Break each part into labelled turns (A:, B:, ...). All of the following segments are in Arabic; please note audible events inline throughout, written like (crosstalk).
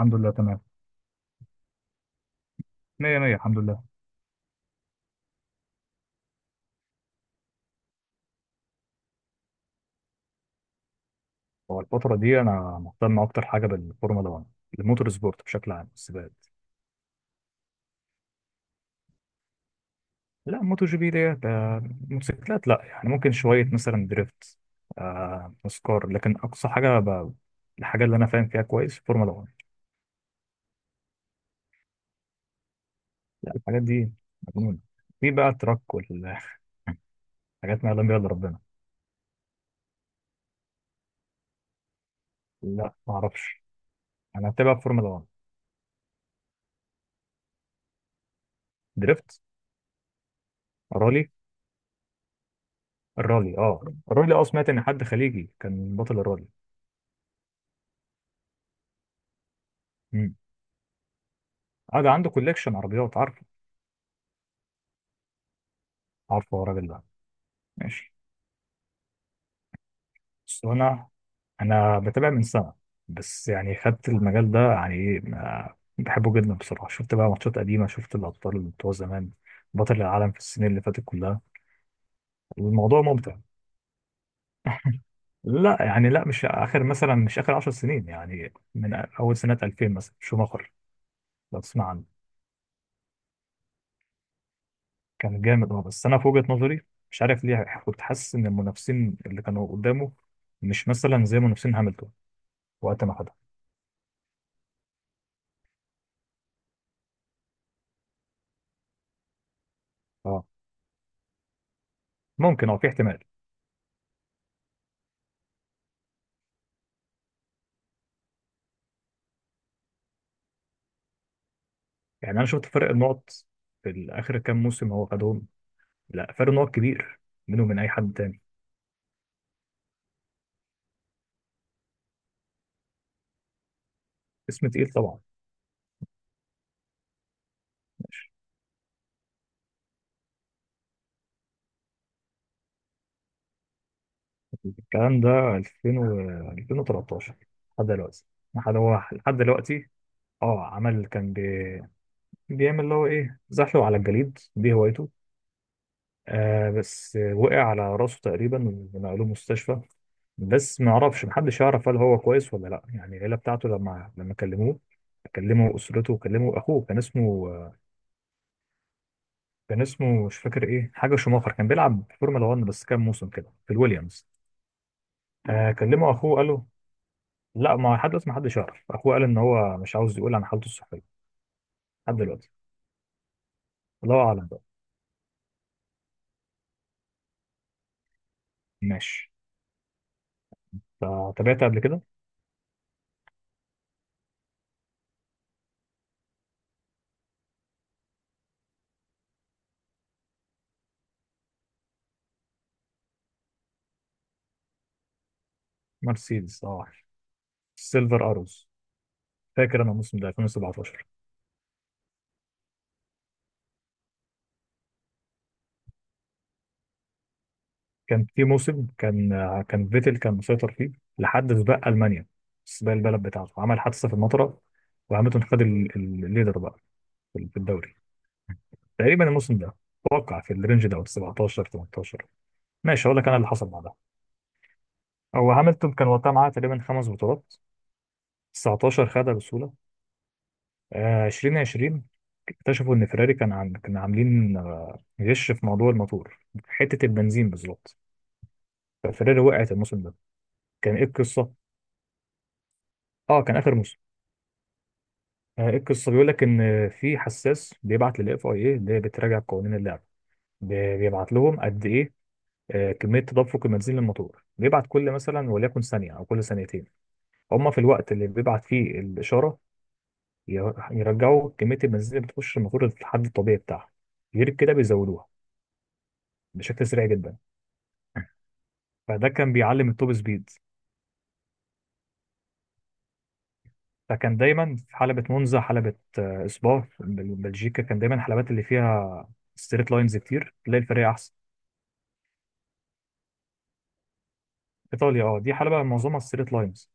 A: الحمد لله، تمام. مية مية، الحمد لله. هو الفترة دي أنا مهتم أكتر حاجة بالفورمولا 1، الموتور سبورت بشكل عام، السباقات. لا، موتو جي بي ديت موتوسيكلات. لا يعني، ممكن شوية مثلا دريفت، نسكار. لكن أقصى حاجة الحاجة اللي أنا فاهم فيها كويس فورمولا 1. لا، الحاجات دي مجنونة. في بقى تراك والحاجات. (laughs) ما يعلم بيها إلا ربنا. لا، ما أعرفش. أنا بتابع فورمولا 1. دريفت، رالي، الرالي اه الرالي اه سمعت إن حد خليجي كان بطل الرالي. اه ده عنده كوليكشن عربيات. عارفه؟ عارفه هو الراجل ده؟ ماشي. بس انا بتابع من سنه. بس يعني خدت المجال ده، يعني ايه، بحبه جدا بصراحه. شفت بقى ماتشات قديمه، شفت الابطال اللي بتوع زمان، بطل العالم في السنين اللي فاتت كلها. الموضوع ممتع. (laughs) لا، يعني، لا، مش اخر 10 سنين. يعني من اول سنه 2000، مثلا شوماخر. لو تسمع عنه. كان جامد، بس انا في وجهه نظري مش عارف ليه كنت حاسس ان المنافسين اللي كانوا قدامه مش مثلا زي منافسين هاملتون وقت ما خدها. اه، ممكن، في احتمال. يعني انا شفت فرق النقط في اخر كام موسم هو خدهم، لا، فرق نقط كبير منه من اي حد تاني. اسم تقيل طبعا. ماشي. الكلام ده 2000 و 2013، لحد دلوقتي. لحد دلوقتي. اه عمل كان بي... بيعمل اللي هو ايه، زحله على الجليد دي هوايته. بس وقع على راسه تقريبا، ونقلوه مستشفى. بس ما اعرفش، محدش يعرف هل هو كويس ولا لا. يعني العيله بتاعته لما كلموه، كلموا اسرته وكلموا اخوه. كان اسمه مش فاكر ايه، حاجه شوماخر، كان بيلعب في فورمولا 1 بس كام موسم كده في الويليامز. كلموا اخوه قالوا. لا، ما لحد دلوقتي ما حدش يعرف. اخوه قال ان هو مش عاوز يقول عن حالته الصحيه لحد دلوقتي. الله اعلم بقى. ماشي، تابعت قبل كده. مرسيدس، سيلفر اروز. فاكر انا الموسم ده 2017. كان في موسم كان فيتل كان مسيطر فيه لحد سباق المانيا، سباق البلد بتاعته، عمل حادثه في المطره، وهامilton خد الليدر بقى في الدوري. تقريبا الموسم ده اتوقع في الرينج ده 17، 18. ماشي، هقول لك انا اللي حصل بعدها. هو هامilton كان وقتها معاه تقريبا خمس بطولات. 19 خدها بسهوله. 2020 اكتشفوا ان فيراري كان عاملين غش في موضوع الموتور، حته البنزين بالظبط. ففيراري وقعت الموسم ده. كان ايه القصه؟ اه كان اخر موسم. إيه القصه، بيقول لك ان في حساس بيبعت للاف اي اي اللي بتراجع قوانين اللعبه، بيبعت لهم قد ايه، كميه تدفق البنزين للموتور. بيبعت كل، مثلا وليكن، ثانيه او كل ثانيتين. هما في الوقت اللي بيبعت فيه الاشاره يرجعوا كميه البنزين اللي بتخش الموتور للحد الطبيعي بتاعها. غير كده بيزودوها بشكل سريع جدا. فده كان بيعلم التوب سبيد. فكان دايما في حلبة مونزا، حلبة سبا في بلجيكا. كان دايما الحلبات اللي فيها ستريت لاينز كتير تلاقي الفريق. ايطاليا، دي حلبة معظمها ستريت لاينز.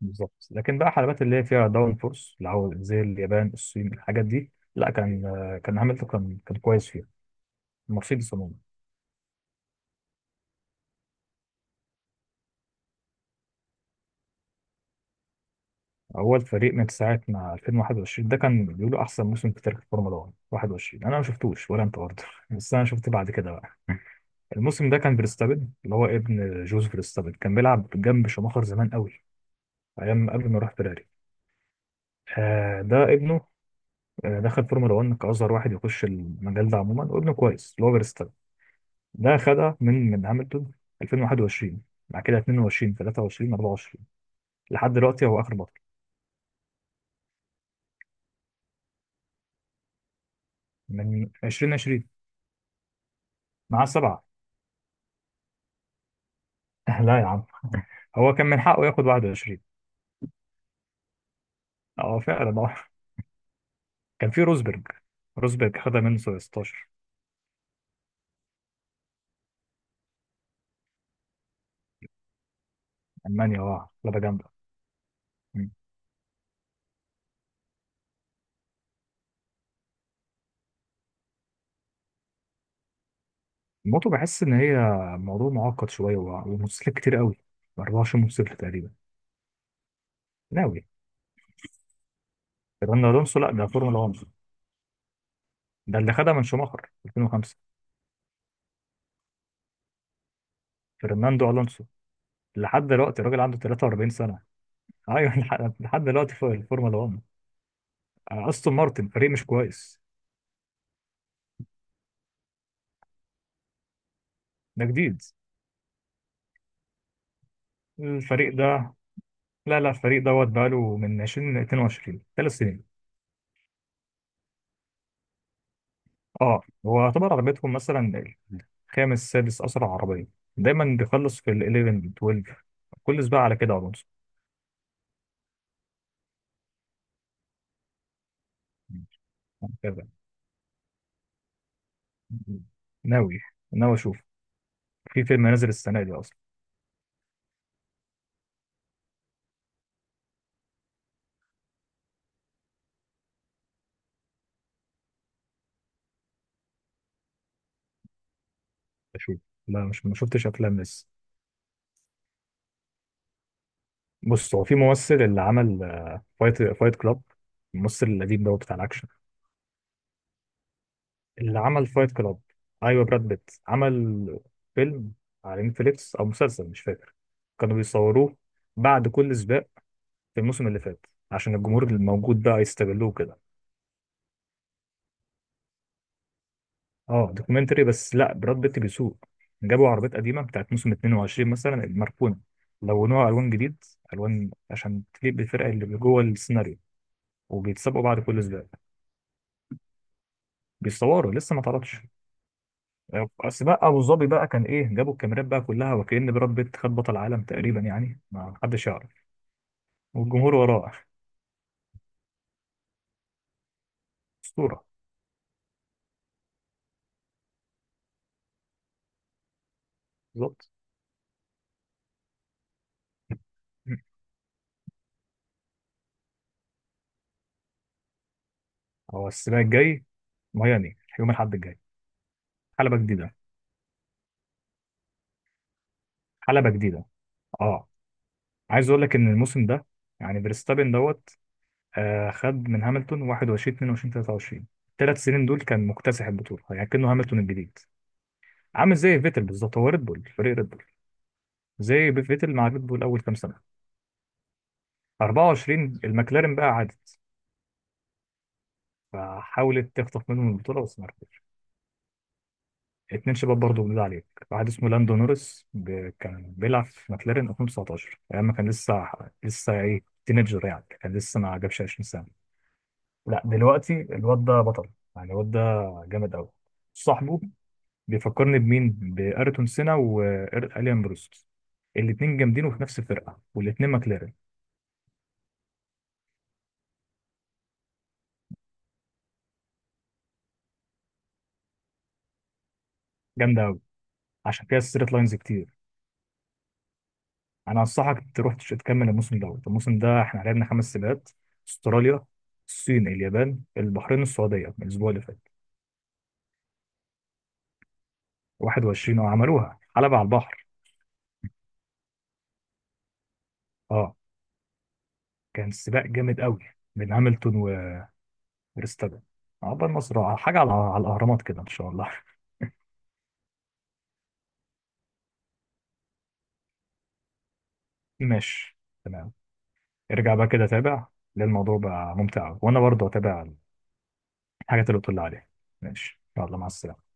A: بالظبط. لكن بقى حلبات اللي هي فيها داون فورس، اللي هو زي اليابان، الصين، الحاجات دي، لا، كان هامilton كان كويس فيها، مرسيدس عموما. اول فريق من ساعه ما 2021، ده كان بيقولوا احسن موسم في تاريخ الفورمولا 1، 21. انا ما شفتوش، ولا انت برضه؟ (laughs) بس انا شفت بعد كده بقى. (laughs) الموسم ده كان فيرستابن، اللي هو ابن جوز فيرستابن، كان بيلعب جنب شوماخر زمان قوي، ايام قبل ما يروح فيراري. ده ابنه. دخل فورمولا 1 كأصغر واحد يخش المجال ده عموما، وابنه كويس اللي هو فيرستابن. ده خدها من هاملتون 2021. بعد كده 22، 23، 24، لحد دلوقتي هو آخر بطل. من 2020 معاه سبعة. (laughs) لا يا عم، هو كان من حقه ياخد 21. اه فعلا. اه كان في روزبرج. روزبرج خدها منه 16. ألمانيا، لعبة جامدة. مم. الموتو بحس إن هي موضوع معقد شوية، وموتوسيكلات كتير قوي. 24 موتوسيكل تقريبا. ناوي. فيرناندو الونسو؟ لا ده فورمولا 1. ده اللي خدها من شوماخر 2005. فرناندو الونسو لحد دلوقتي الراجل عنده 43 سنه. ايوه. (laughs) لحد دلوقتي في الفورمولا 1. استون مارتن فريق مش كويس. ده جديد الفريق ده. لا، لا، الفريق دوت بقاله من 2022، 3 سنين. اه، هو يعتبر عربيتهم مثلا خامس سادس اسرع عربيه. دايما بيخلص في ال 11، 12، كل سباق على كده الونسو. متابع. ناوي. ناوي اشوف. في فيلم نازل السنه دي اصلا. اشوف. لا، مش، ما شفتش افلام لسه. بص هو في ممثل اللي عمل فايت كلاب، الممثل القديم ده بتاع الاكشن، اللي عمل فايت كلاب. ايوه، براد بيت عمل فيلم على نتفليكس او مسلسل، مش فاكر. كانوا بيصوروه بعد كل سباق في الموسم اللي فات، عشان الجمهور الموجود بقى يستغلوه كده. اه، دوكيومنتري بس لا، براد بيت بيسوق. جابوا عربيات قديمه بتاعت موسم 22 مثلا، المركونه، لونوها الوان جديد، الوان عشان تليق بالفرقه اللي جوه السيناريو. وبيتسابقوا بعد كل سباق. بيصوروا، لسه ما اتعرضش. اصل بقى ابو ظبي بقى كان ايه، جابوا الكاميرات بقى كلها وكأن براد بيت خد بطل العالم تقريبا، يعني ما حدش يعرف. والجمهور وراه، اسطوره. بالظبط. مم. هو السباق الجاي ميامي، يوم الاحد الجاي. حلبه جديده. حلبه جديده، اه. عايز اقول لك ان الموسم ده، يعني فيرستابن دوت. خد من هاملتون 21، 22، 23، الثلاث سنين دول كان مكتسح البطوله، يعني كانه هاملتون الجديد. عامل زي فيتل بالظبط، هو ريد بول، فريق ريد بول، زي فيتل مع ريد بول اول كام سنه. 24 المكلارين بقى عادت، فحاولت تخطف منهم البطوله بس ما عرفتش. اتنين شباب برضه، بنقول عليك واحد اسمه لاندو نورس، كان بيلعب في ماكلارين 2019 ايام ما كان لسه، لسه ايه، تينيجر يعني، كان لسه ما جابش 20 سنه. لا، دلوقتي الواد ده بطل. يعني الواد ده جامد قوي. صاحبه بيفكرني بمين؟ بأيرتون سينا وإليان بروست. الاتنين جامدين، وفي نفس الفرقه، والاتنين ماكلارين. جامده قوي. عشان كده الستريت لاينز كتير. انا انصحك تروح تكمل الموسم دوت. الموسم ده احنا لعبنا خمس سباقات، استراليا، الصين، اليابان، البحرين، السعوديه من الاسبوع اللي فات. 21، عملوها حلبة على البحر. اه، كان سباق جامد قوي بين هامilton وفيرستابن. عقبال مصر، حاجه على الاهرامات كده ان شاء الله. (laughs) ماشي، تمام. ارجع بقى كده تابع، لان الموضوع بقى ممتع أوي. وانا برضه اتابع الحاجات اللي قلت لي عليها. ماشي، يلا، مع السلامه.